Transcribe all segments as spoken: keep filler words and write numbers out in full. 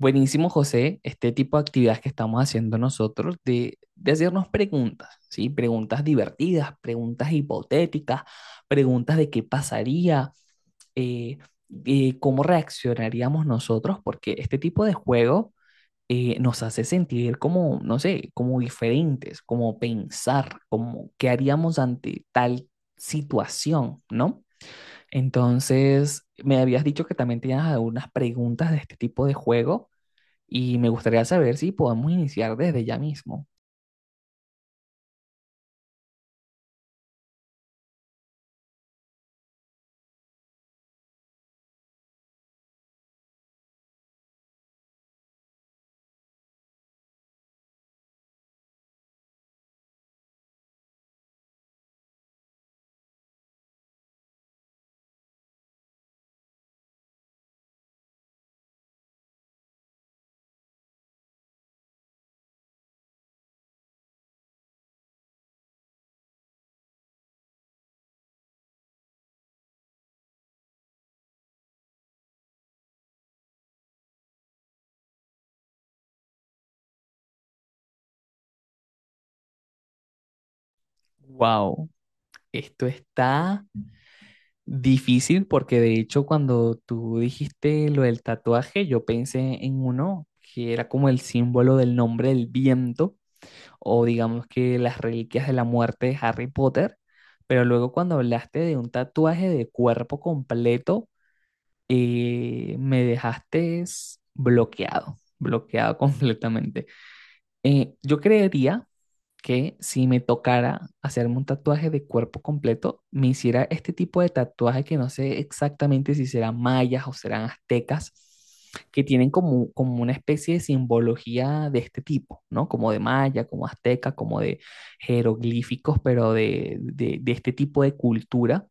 Buenísimo, José, este tipo de actividades que estamos haciendo nosotros de, de hacernos preguntas, ¿sí? Preguntas divertidas, preguntas hipotéticas, preguntas de qué pasaría, eh, eh, cómo reaccionaríamos nosotros, porque este tipo de juego eh, nos hace sentir como, no sé, como diferentes, como pensar, como qué haríamos ante tal situación, ¿no? Entonces, me habías dicho que también tenías algunas preguntas de este tipo de juego. Y me gustaría saber si podemos iniciar desde ya mismo. Wow, esto está difícil porque de hecho cuando tú dijiste lo del tatuaje, yo pensé en uno que era como el símbolo del nombre del viento o digamos que las reliquias de la muerte de Harry Potter, pero luego cuando hablaste de un tatuaje de cuerpo completo, eh, me dejaste bloqueado, bloqueado completamente. Eh, yo creería que si me tocara hacerme un tatuaje de cuerpo completo, me hiciera este tipo de tatuaje que no sé exactamente si serán mayas o serán aztecas, que tienen como, como una especie de simbología de este tipo, ¿no? Como de maya, como azteca, como de jeroglíficos, pero de, de, de este tipo de cultura,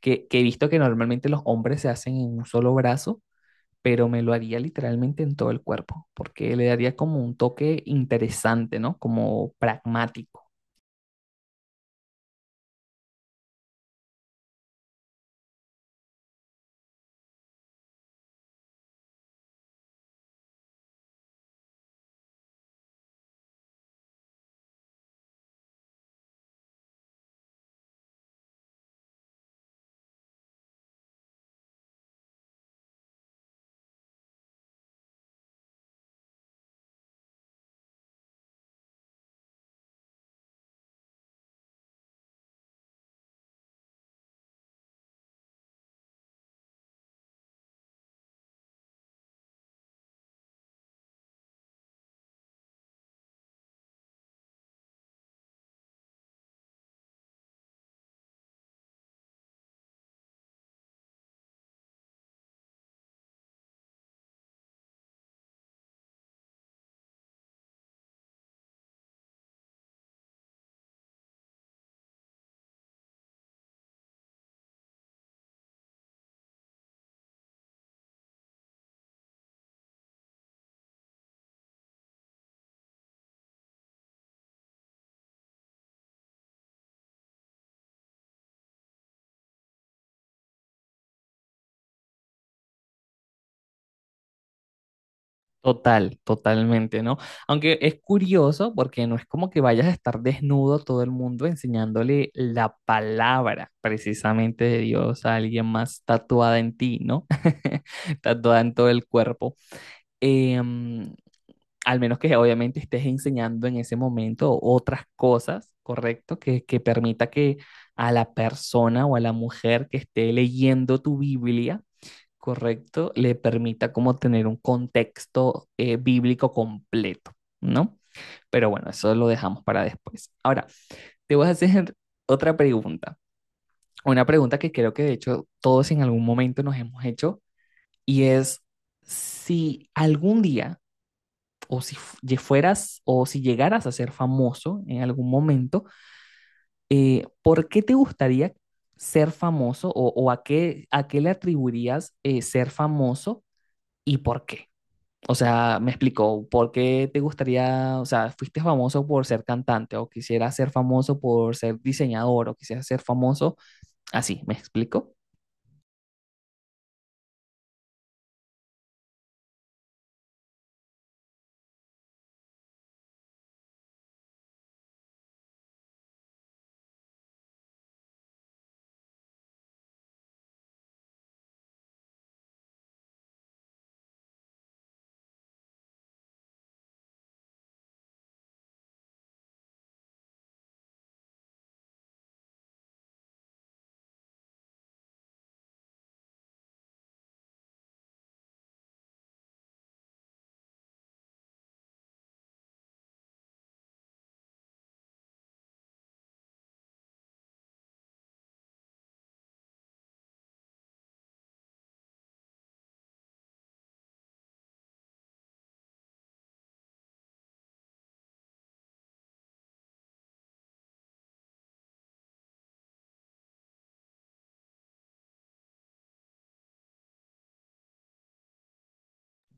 que, que he visto que normalmente los hombres se hacen en un solo brazo, pero me lo haría literalmente en todo el cuerpo, porque le daría como un toque interesante, ¿no? Como pragmático. Total, totalmente, ¿no? Aunque es curioso porque no es como que vayas a estar desnudo todo el mundo enseñándole la palabra precisamente de Dios a alguien más tatuada en ti, ¿no? Tatuada en todo el cuerpo. Em, Al menos que obviamente estés enseñando en ese momento otras cosas, ¿correcto? Que, que permita que a la persona o a la mujer que esté leyendo tu Biblia correcto, le permita como tener un contexto eh, bíblico completo, ¿no? Pero bueno, eso lo dejamos para después. Ahora, te voy a hacer otra pregunta, una pregunta que creo que de hecho todos en algún momento nos hemos hecho y es si algún día o si fu- fueras o si llegaras a ser famoso en algún momento, eh, ¿por qué te gustaría ser famoso o, o a qué, a qué le atribuirías eh, ser famoso y por qué? O sea, me explicó por qué te gustaría, o sea, fuiste famoso por ser cantante o quisieras ser famoso por ser diseñador o quisieras ser famoso así, ¿me explico?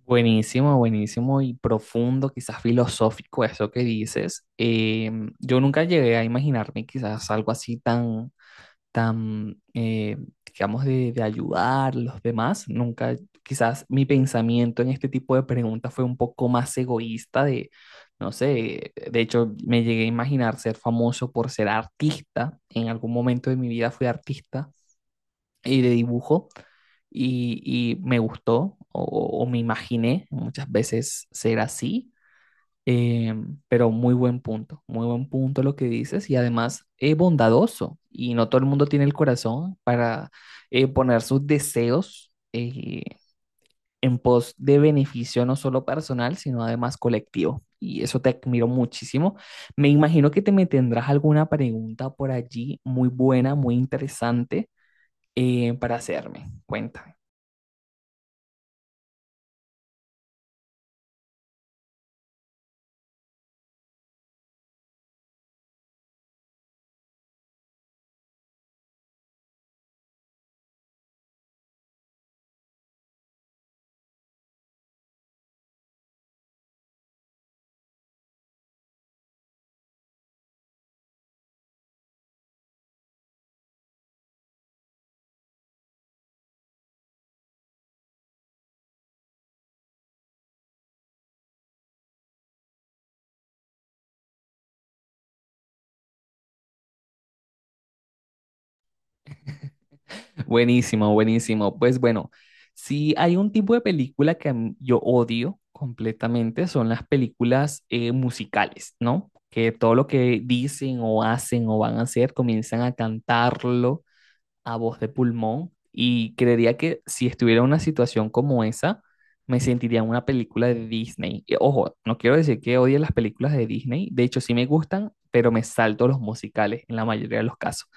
Buenísimo, buenísimo y profundo, quizás filosófico eso que dices. Eh, yo nunca llegué a imaginarme quizás algo así tan, tan, eh, digamos, de, de ayudar a los demás. Nunca, quizás mi pensamiento en este tipo de preguntas fue un poco más egoísta de, no sé, de hecho me llegué a imaginar ser famoso por ser artista. En algún momento de mi vida fui artista y de dibujo y, y me gustó o, o me imaginé muchas veces ser así eh, pero muy buen punto, muy buen punto lo que dices y además es bondadoso y no todo el mundo tiene el corazón para eh, poner sus deseos eh, en pos de beneficio no solo personal, sino además colectivo. Y eso te admiro muchísimo. Me imagino que te me tendrás alguna pregunta por allí muy buena, muy interesante eh, para hacerme. Cuéntame. Buenísimo, buenísimo. Pues bueno, si hay un tipo de película que a mí- yo odio completamente, son las películas eh, musicales, ¿no? Que todo lo que dicen o hacen o van a hacer comienzan a cantarlo a voz de pulmón. Y creería que si estuviera en una situación como esa, me sentiría en una película de Disney. Y, ojo, no quiero decir que odie las películas de Disney, de hecho sí me gustan, pero me salto los musicales en la mayoría de los casos.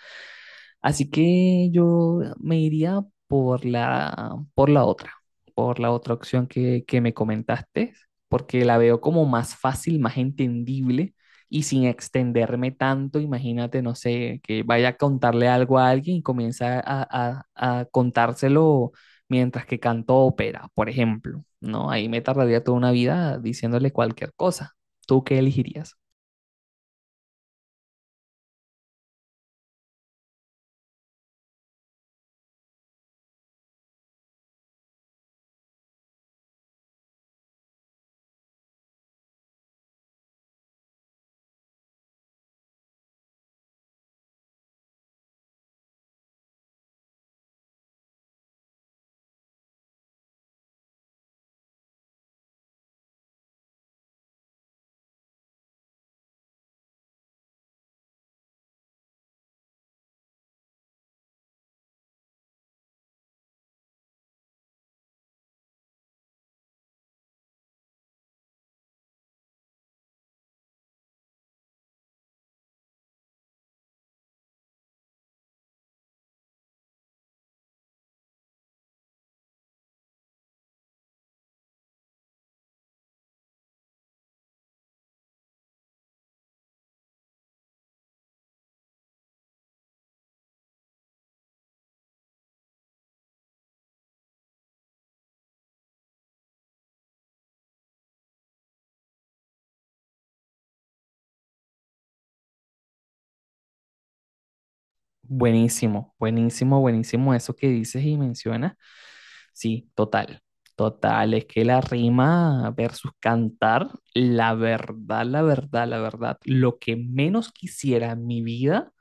Así que yo me iría por la, por la otra, por la otra opción que, que me comentaste, porque la veo como más fácil, más entendible y sin extenderme tanto. Imagínate, no sé, que vaya a contarle algo a alguien y comienza a, a- a contárselo mientras que canto ópera, por ejemplo, ¿no? Ahí me tardaría toda una vida diciéndole cualquier cosa. ¿Tú qué elegirías? Buenísimo, buenísimo, buenísimo eso que dices y mencionas. Sí, total, total. Es que la rima versus cantar, la verdad, la verdad, la verdad, lo que menos quisiera en mi vida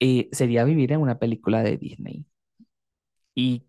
eh, sería vivir en una película de Disney. Y